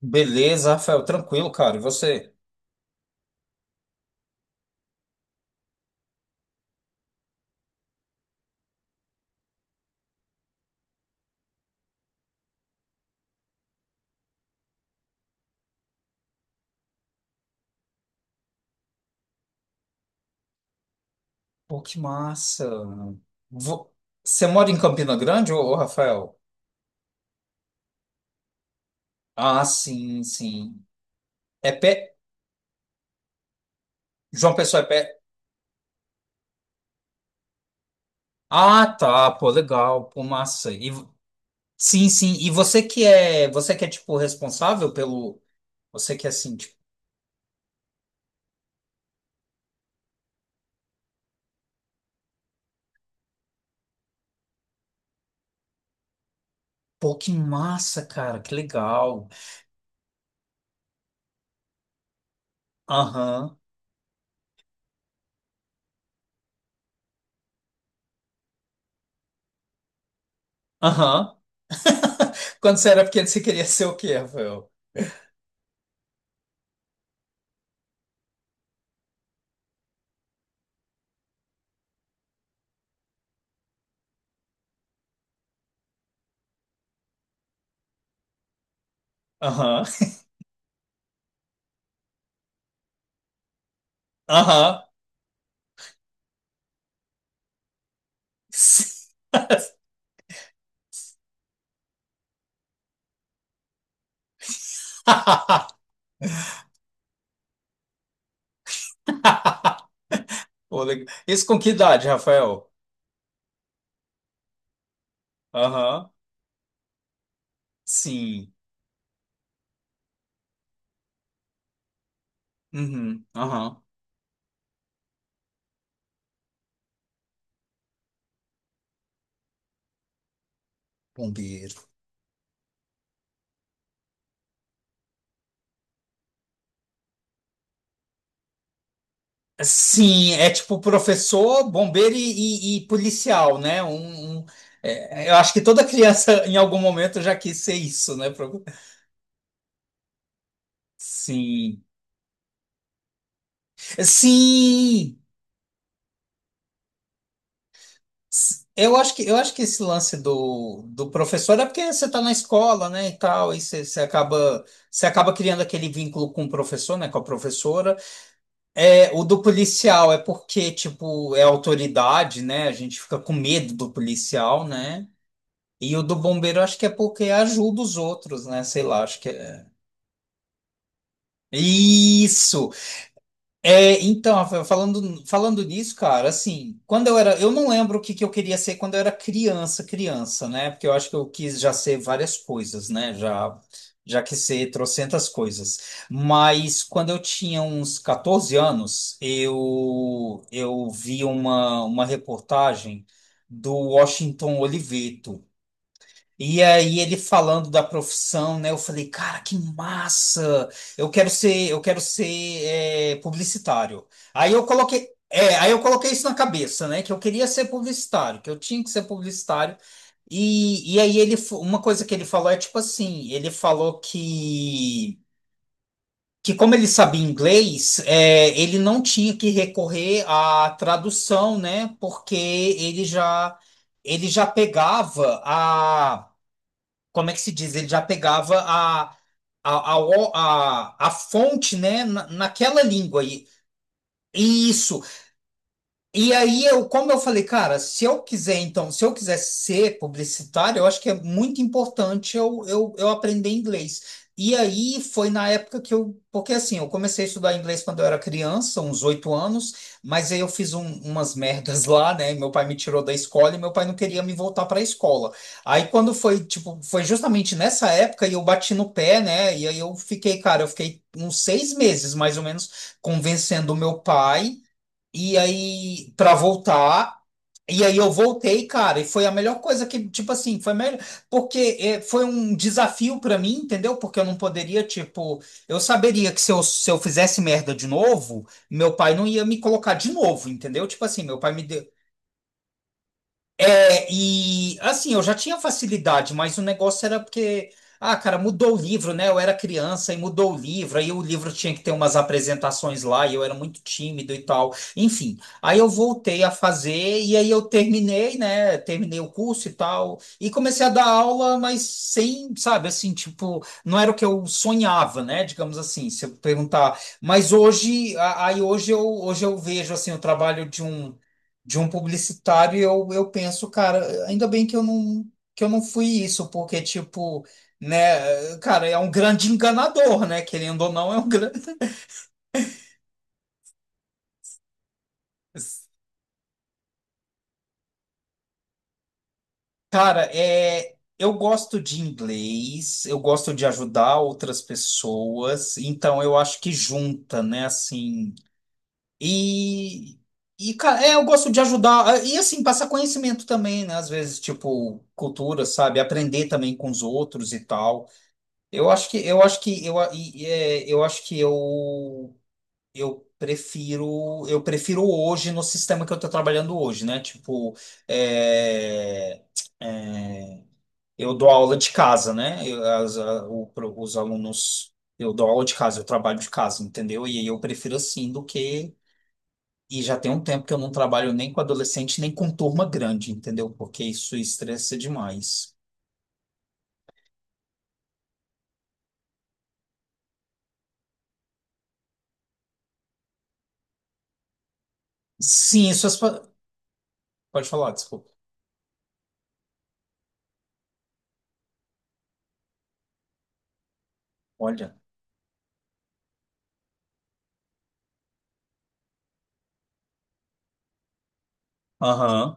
Beleza, Rafael, tranquilo, cara. E você? Pô, que massa. Vo- Você mora em Campina Grande, Rafael? Ah, sim, sim. É pé. João Pessoa é pé. Ah, tá, pô, legal, pô, massa. E... vo- Sim, sim. E você que é tipo responsável você que é assim, tipo, pô, que massa, cara, que legal. Aham. Aham. Quando você era pequeno, você queria ser o quê, Rafael? Aham. Aham. Pô, legal. Isso com que idade, Rafael? Aham. Sim. Uhum. Aham. Bombeiro. Sim, é tipo professor, bombeiro e policial, né? Um- é, eu acho que toda criança em algum momento já quis ser isso, né? Pro- Sim. Sim! S- eu acho que esse lance do professor é porque você está na escola, né, e tal, você acaba criando aquele vínculo com o professor, né, com a professora. É, o do policial é porque, tipo, é autoridade, né? A gente fica com medo do policial, né? E o do bombeiro acho que é porque ajuda os outros, né? Sei lá, acho que é. Isso! É, então, Rafael, falando nisso, cara, assim, quando eu era, eu não lembro que eu queria ser quando eu era criança, criança, né? Porque eu acho que eu quis já ser várias coisas, né? Já, já quis ser trocentas coisas. Mas quando eu tinha uns 14 anos, eu vi uma reportagem do Washington Oliveto. E aí ele falando da profissão, né? Eu falei, cara, que massa! Eu quero ser publicitário. Aí eu coloquei, é, aí eu coloquei isso na cabeça, né? Que eu queria ser publicitário, que eu tinha que ser publicitário. E aí ele, fo- uma coisa que ele falou é tipo assim, ele falou que como ele sabia inglês, é, ele não tinha que recorrer à tradução, né? Porque ele já pegava a como é que se diz? Ele já pegava a fonte, né, naquela língua. E, isso. E aí eu, como eu falei, cara, se eu quiser, então, se eu quiser ser publicitário, eu acho que é muito importante eu aprender inglês. E aí foi na época que eu, porque assim, eu comecei a estudar inglês quando eu era criança, uns 8 anos, mas aí eu fiz um- umas merdas lá, né? Meu pai me tirou da escola e meu pai não queria me voltar para a escola. Aí quando foi, tipo, foi justamente nessa época e eu bati no pé, né? E aí eu fiquei, cara, eu fiquei uns 6 meses mais ou menos convencendo o meu pai e aí, pra voltar. E aí eu voltei, cara, e foi a melhor coisa que, tipo assim, foi melhor, porque foi um desafio pra mim, entendeu? Porque eu não poderia, tipo, eu saberia que se eu fizesse merda de novo, meu pai não ia me colocar de novo, entendeu? Tipo assim, meu pai me deu, é, e assim, eu já tinha facilidade, mas o negócio era porque, ah, cara, mudou o livro, né? Eu era criança e mudou o livro, aí o livro tinha que ter umas apresentações lá, e eu era muito tímido e tal. Enfim, aí eu voltei a fazer, e aí eu terminei, né? Terminei o curso e tal, e comecei a dar aula, mas sem, sabe, assim, tipo, não era o que eu sonhava, né? Digamos assim, se eu perguntar. Mas hoje, a- hoje eu vejo, assim, o trabalho de um publicitário e eu penso, cara, ainda bem que eu não fui isso, porque tipo, né, cara, é um grande enganador, né? Querendo ou não, é um grande. Cara, é eu gosto de inglês, eu gosto de ajudar outras pessoas, então eu acho que junta, né, assim. E cara, é, eu gosto de ajudar. E, assim, passar conhecimento também, né? Às vezes, tipo, cultura, sabe? Aprender também com os outros e tal. Eu acho que eu acho que eu, e- é, eu acho que eu eu prefiro hoje no sistema que eu estou trabalhando hoje, né? Tipo, é, eu dou aula de casa, né? Os alunos eu dou aula de casa, eu trabalho de casa, entendeu? E aí eu prefiro assim do que e já tem um tempo que eu não trabalho nem com adolescente nem com turma grande, entendeu? Porque isso estressa demais. Sim, isso é- pode falar, desculpa. Olha. Aham,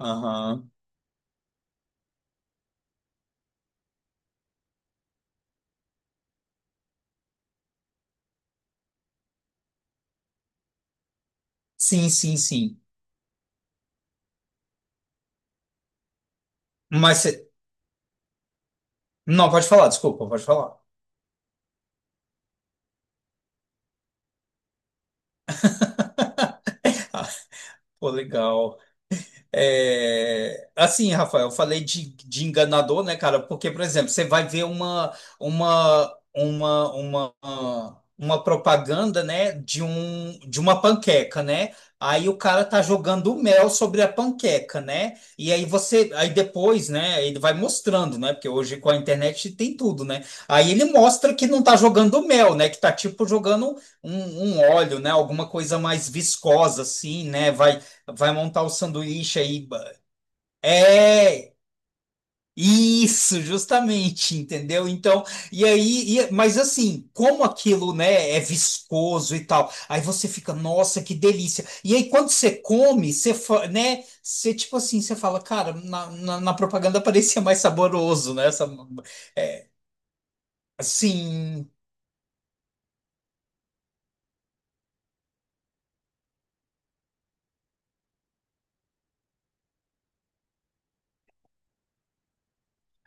aham. Sim, sim, sim. Mas você... Não, pode falar, desculpa, pode falar. Ah, pô, legal. É, assim, Rafael, eu falei de enganador, né, cara? Porque, por exemplo, você vai ver uma, uma, uma, uma propaganda, né, de uma panqueca, né? Aí o cara tá jogando mel sobre a panqueca, né? E aí você, aí depois, né, ele vai mostrando, né? Porque hoje com a internet tem tudo, né? Aí ele mostra que não tá jogando mel, né? Que tá tipo jogando um óleo, né? Alguma coisa mais viscosa, assim, né? Vai Vai montar o sanduíche aí. Ba- É, isso, justamente, entendeu? Então, e aí, e- mas assim, como aquilo, né, é viscoso e tal, aí você fica, nossa, que delícia. E aí, quando você come, você, fa- né, você tipo assim, você fala, cara, na propaganda parecia mais saboroso, né? Essa, é, assim,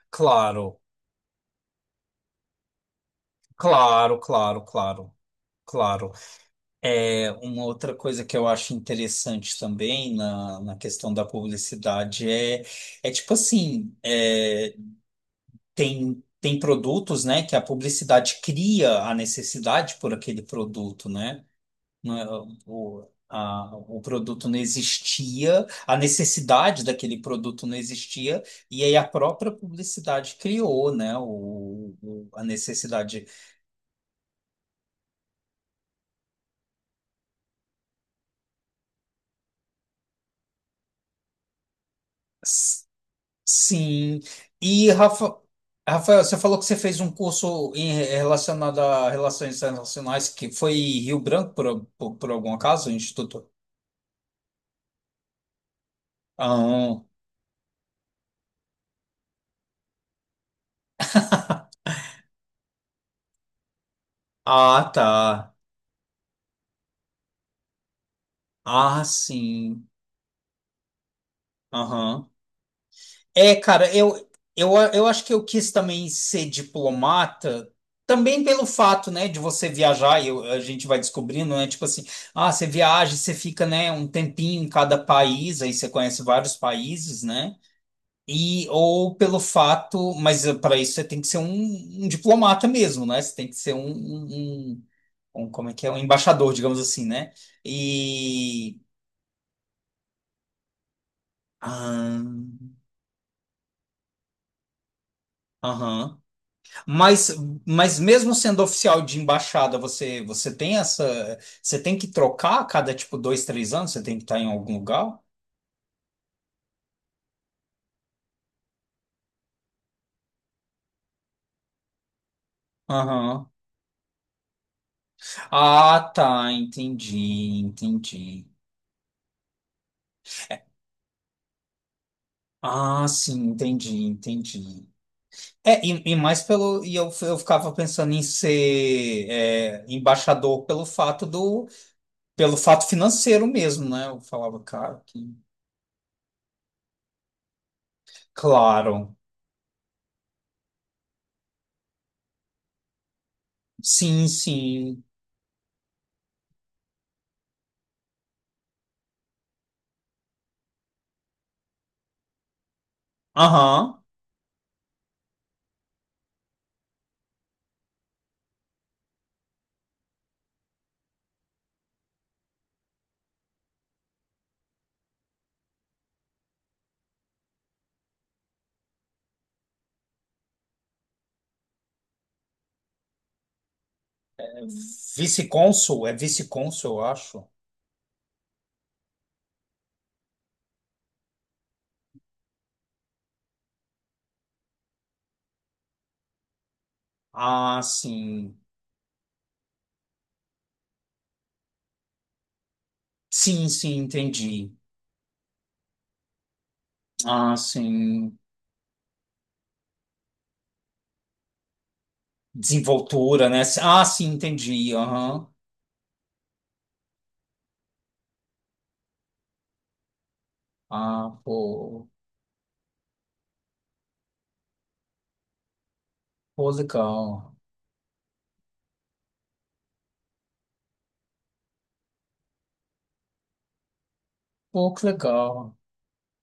claro, claro, claro, claro, claro. É, uma outra coisa que eu acho interessante também na questão da publicidade é, é tipo assim, é, tem, tem produtos, né, que a publicidade cria a necessidade por aquele produto, né? Não é- O, a- o produto não existia, a necessidade daquele produto não existia, e aí a própria publicidade criou, né, a necessidade. Sim. E, Rafa, Rafael, você falou que você fez um curso em, relacionado a relações internacionais que foi em Rio Branco, por algum acaso, Instituto? Ah, ah, tá. Ah, sim. Aham. É, cara, eu acho que eu quis também ser diplomata, também pelo fato, né, de você viajar, a gente vai descobrindo, né, tipo assim, ah, você viaja, e você fica, né, um tempinho em cada país, aí você conhece vários países, né? E, ou pelo fato, mas para isso você tem que ser um diplomata mesmo, né? Você tem que ser um- um- como é que é? Um embaixador, digamos assim, né? E. ah, Aham. Mas, mas mesmo sendo oficial de embaixada, você tem essa. Você tem que trocar a cada, tipo, dois, três anos? Você tem que estar em algum lugar? Aham. Ah, tá. Entendi, entendi. Ah, sim, entendi, entendi. É, e mais pelo. E eu ficava pensando em ser é, embaixador pelo fato do. Pelo fato financeiro mesmo, né? Eu falava, cara, que. Claro. Sim, sim. Aham. É é vice-cônsul, eu acho. Ah, sim. Sim, sim, entendi. Ah, sim. Desenvoltura, né? Ah, sim, entendi. Aham. Ah, pô. Pô, legal. Pô, que legal.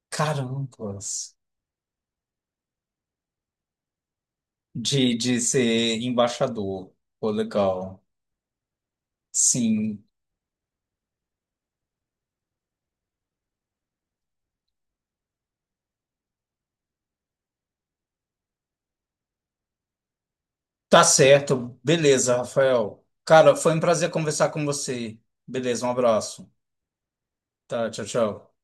Carambas. De ser embaixador. Pô, legal. Sim. Tá certo. Beleza, Rafael. Cara, foi um prazer conversar com você. Beleza, um abraço. Tá, tchau, tchau.